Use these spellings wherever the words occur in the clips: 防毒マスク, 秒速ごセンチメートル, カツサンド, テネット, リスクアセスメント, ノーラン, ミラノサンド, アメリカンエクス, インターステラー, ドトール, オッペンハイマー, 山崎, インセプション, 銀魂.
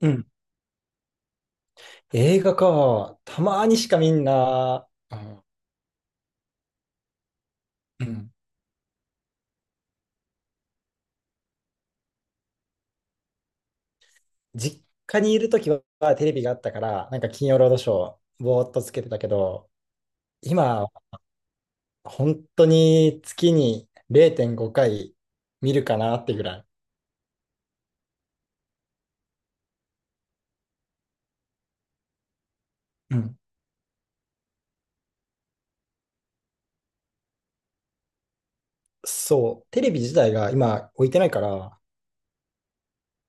うん。映画か。たまにしかみんな、あ、うん。実家にいるときはテレビがあったから、なんか金曜ロードショー、ぼーっとつけてたけど、今、本当に月に0.5回見るかなってぐらい。うん。そう、テレビ自体が今置いてないから、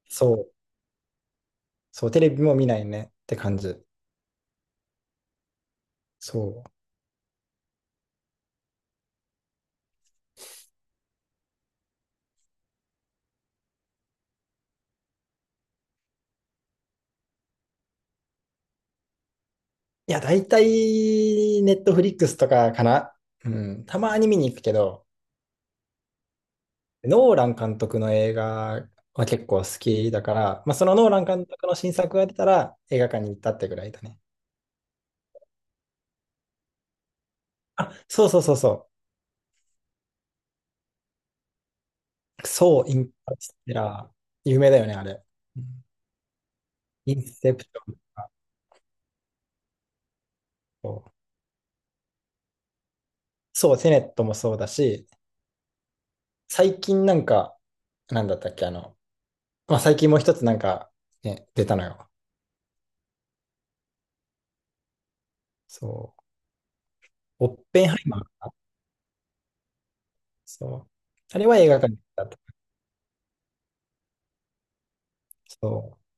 そう、そう、テレビも見ないねって感じ。そう。いや、だいたいネットフリックスとかかな。うん、たまに見に行くけど、ノーラン監督の映画は結構好きだから、まあ、そのノーラン監督の新作が出たら映画館に行ったってぐらいだね。あ、そうそうそうそう。そう、インターステラー。有名だよね、あれ。うん。インセプションとか。そう、そうテネットもそうだし、最近なんか、なんだったっけ、まあ、最近もう一つなんか、ね、出たのよ。そう。オッペンハイマー。そう。あれは映画館に行ったと。そう。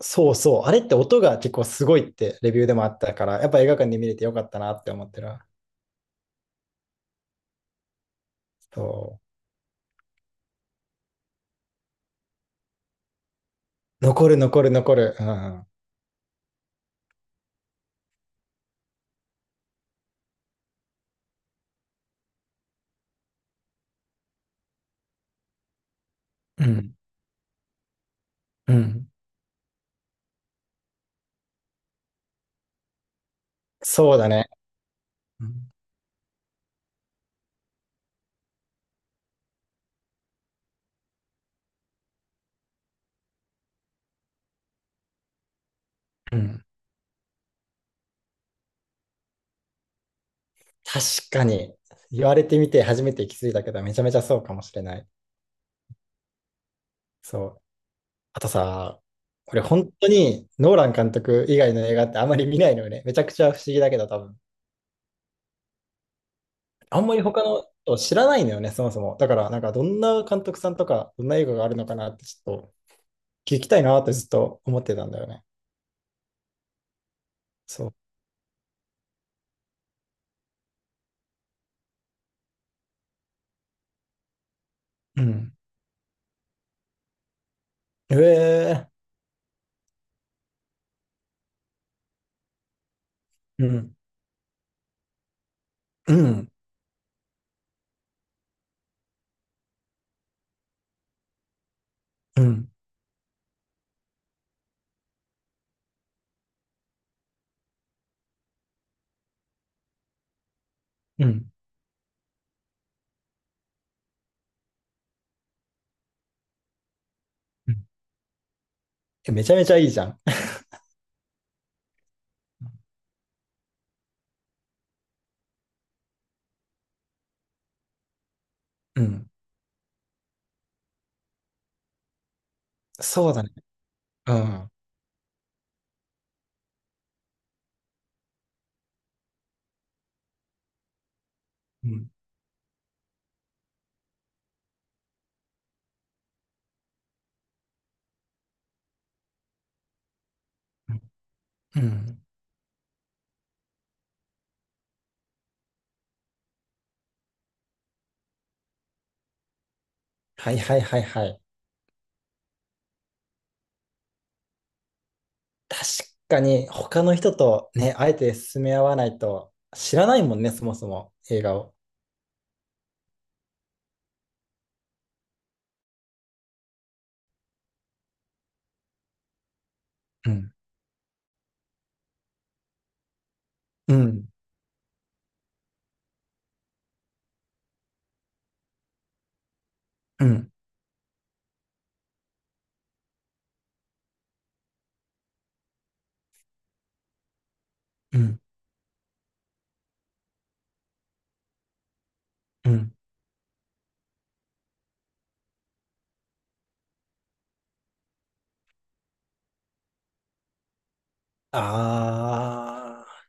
そうそう。あれって音が結構すごいってレビューでもあったから、やっぱ映画館で見れてよかったなって思ってるわ。そう。残る残る残る。うん。うん。うん。そうだね。うんうん。確かに。言われてみて初めて気づいたけど、めちゃめちゃそうかもしれない。そう。あとさ、俺本当にノーラン監督以外の映画ってあんまり見ないのよね。めちゃくちゃ不思議だけど多分。あんまり他の人知らないのよね、そもそも。だからなんかどんな監督さんとか、どんな映画があるのかなってちょっと聞きたいなってずっと思ってたんだよね。そう。うん。ええ。うん、うん、うん、うん。うん、めちゃめちゃいいじゃん。うん。そうだね。うん。うん。うん。はいはいはいはい。確かに他の人とね、あえて進め合わないと知らないもんね、そもそも映画を。うん。うん。うん。うん。うん。ああ。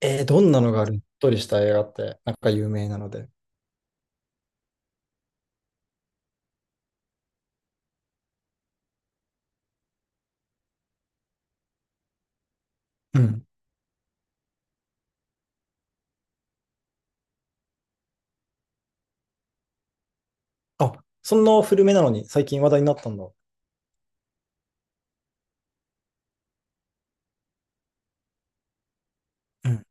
どんなのがあるしっとりした映画って、なんか有名なので。うん。あ、そんな古めなのに最近話題になったんだ。うん、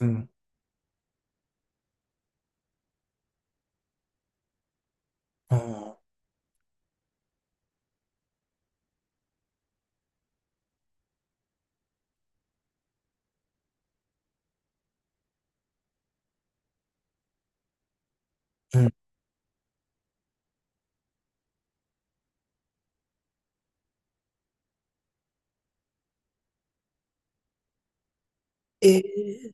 うん、あん、うん。えー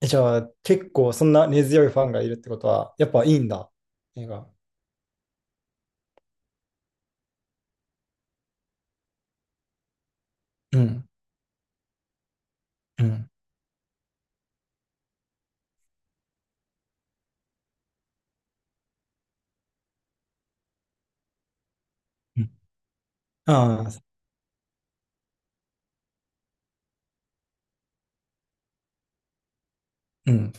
えじゃあ、結構そんな根強いファンがいるってことは、やっぱいいんだ、映画。うん、うん、うん。ああ、うん。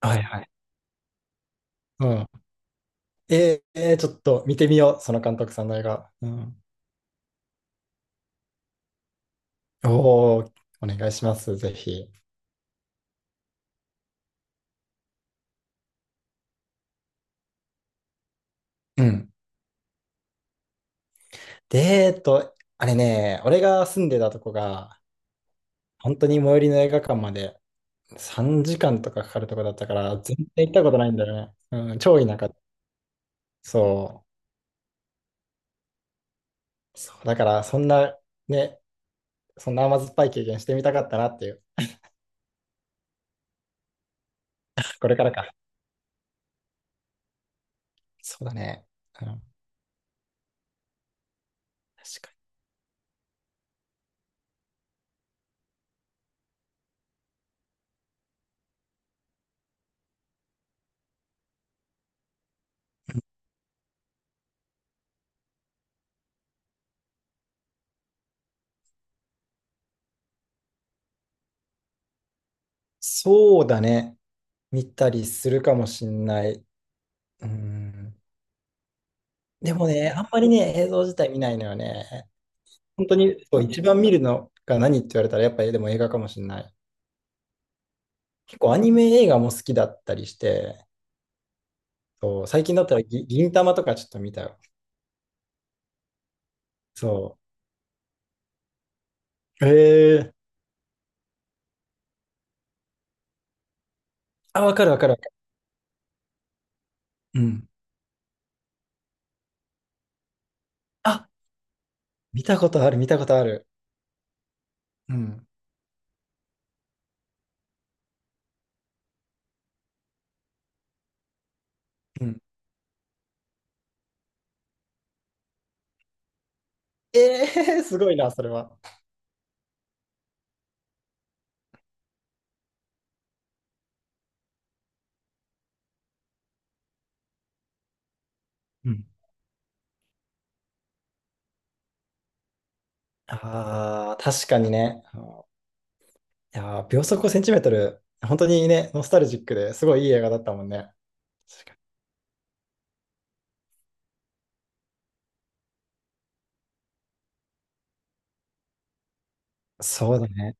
はいはい。うん。ちょっと見てみよう、その監督さんの映画。うん。おお、お願いします、ぜひ。うん。で、あれね、俺が住んでたとこが、本当に最寄りの映画館まで3時間とかかかるとこだったから、全然行ったことないんだよね。うん、超田舎。そう。そう、だから、そんな、ね、そんな甘酸っぱい経験してみたかったなっていう。これからか。そうだね。うん、確かに。そうだね。見たりするかもしんない。うん。でもね、あんまりね、映像自体見ないのよね。本当に、そう、一番見るのが何って言われたら、やっぱりでも映画かもしんない。結構アニメ映画も好きだったりして、そう、最近だったら銀魂とかちょっと見たよ。そう。ええ。あ、わかるわかるわかる。うん、あ、見たことある、見たことある。うん、うん。ええ。 すごいな、それは。うん。ああ、確かにね。いやー、秒速ごセンチメートル、本当にね、ノスタルジックですごいいい映画だったもんね。確かにそうだね。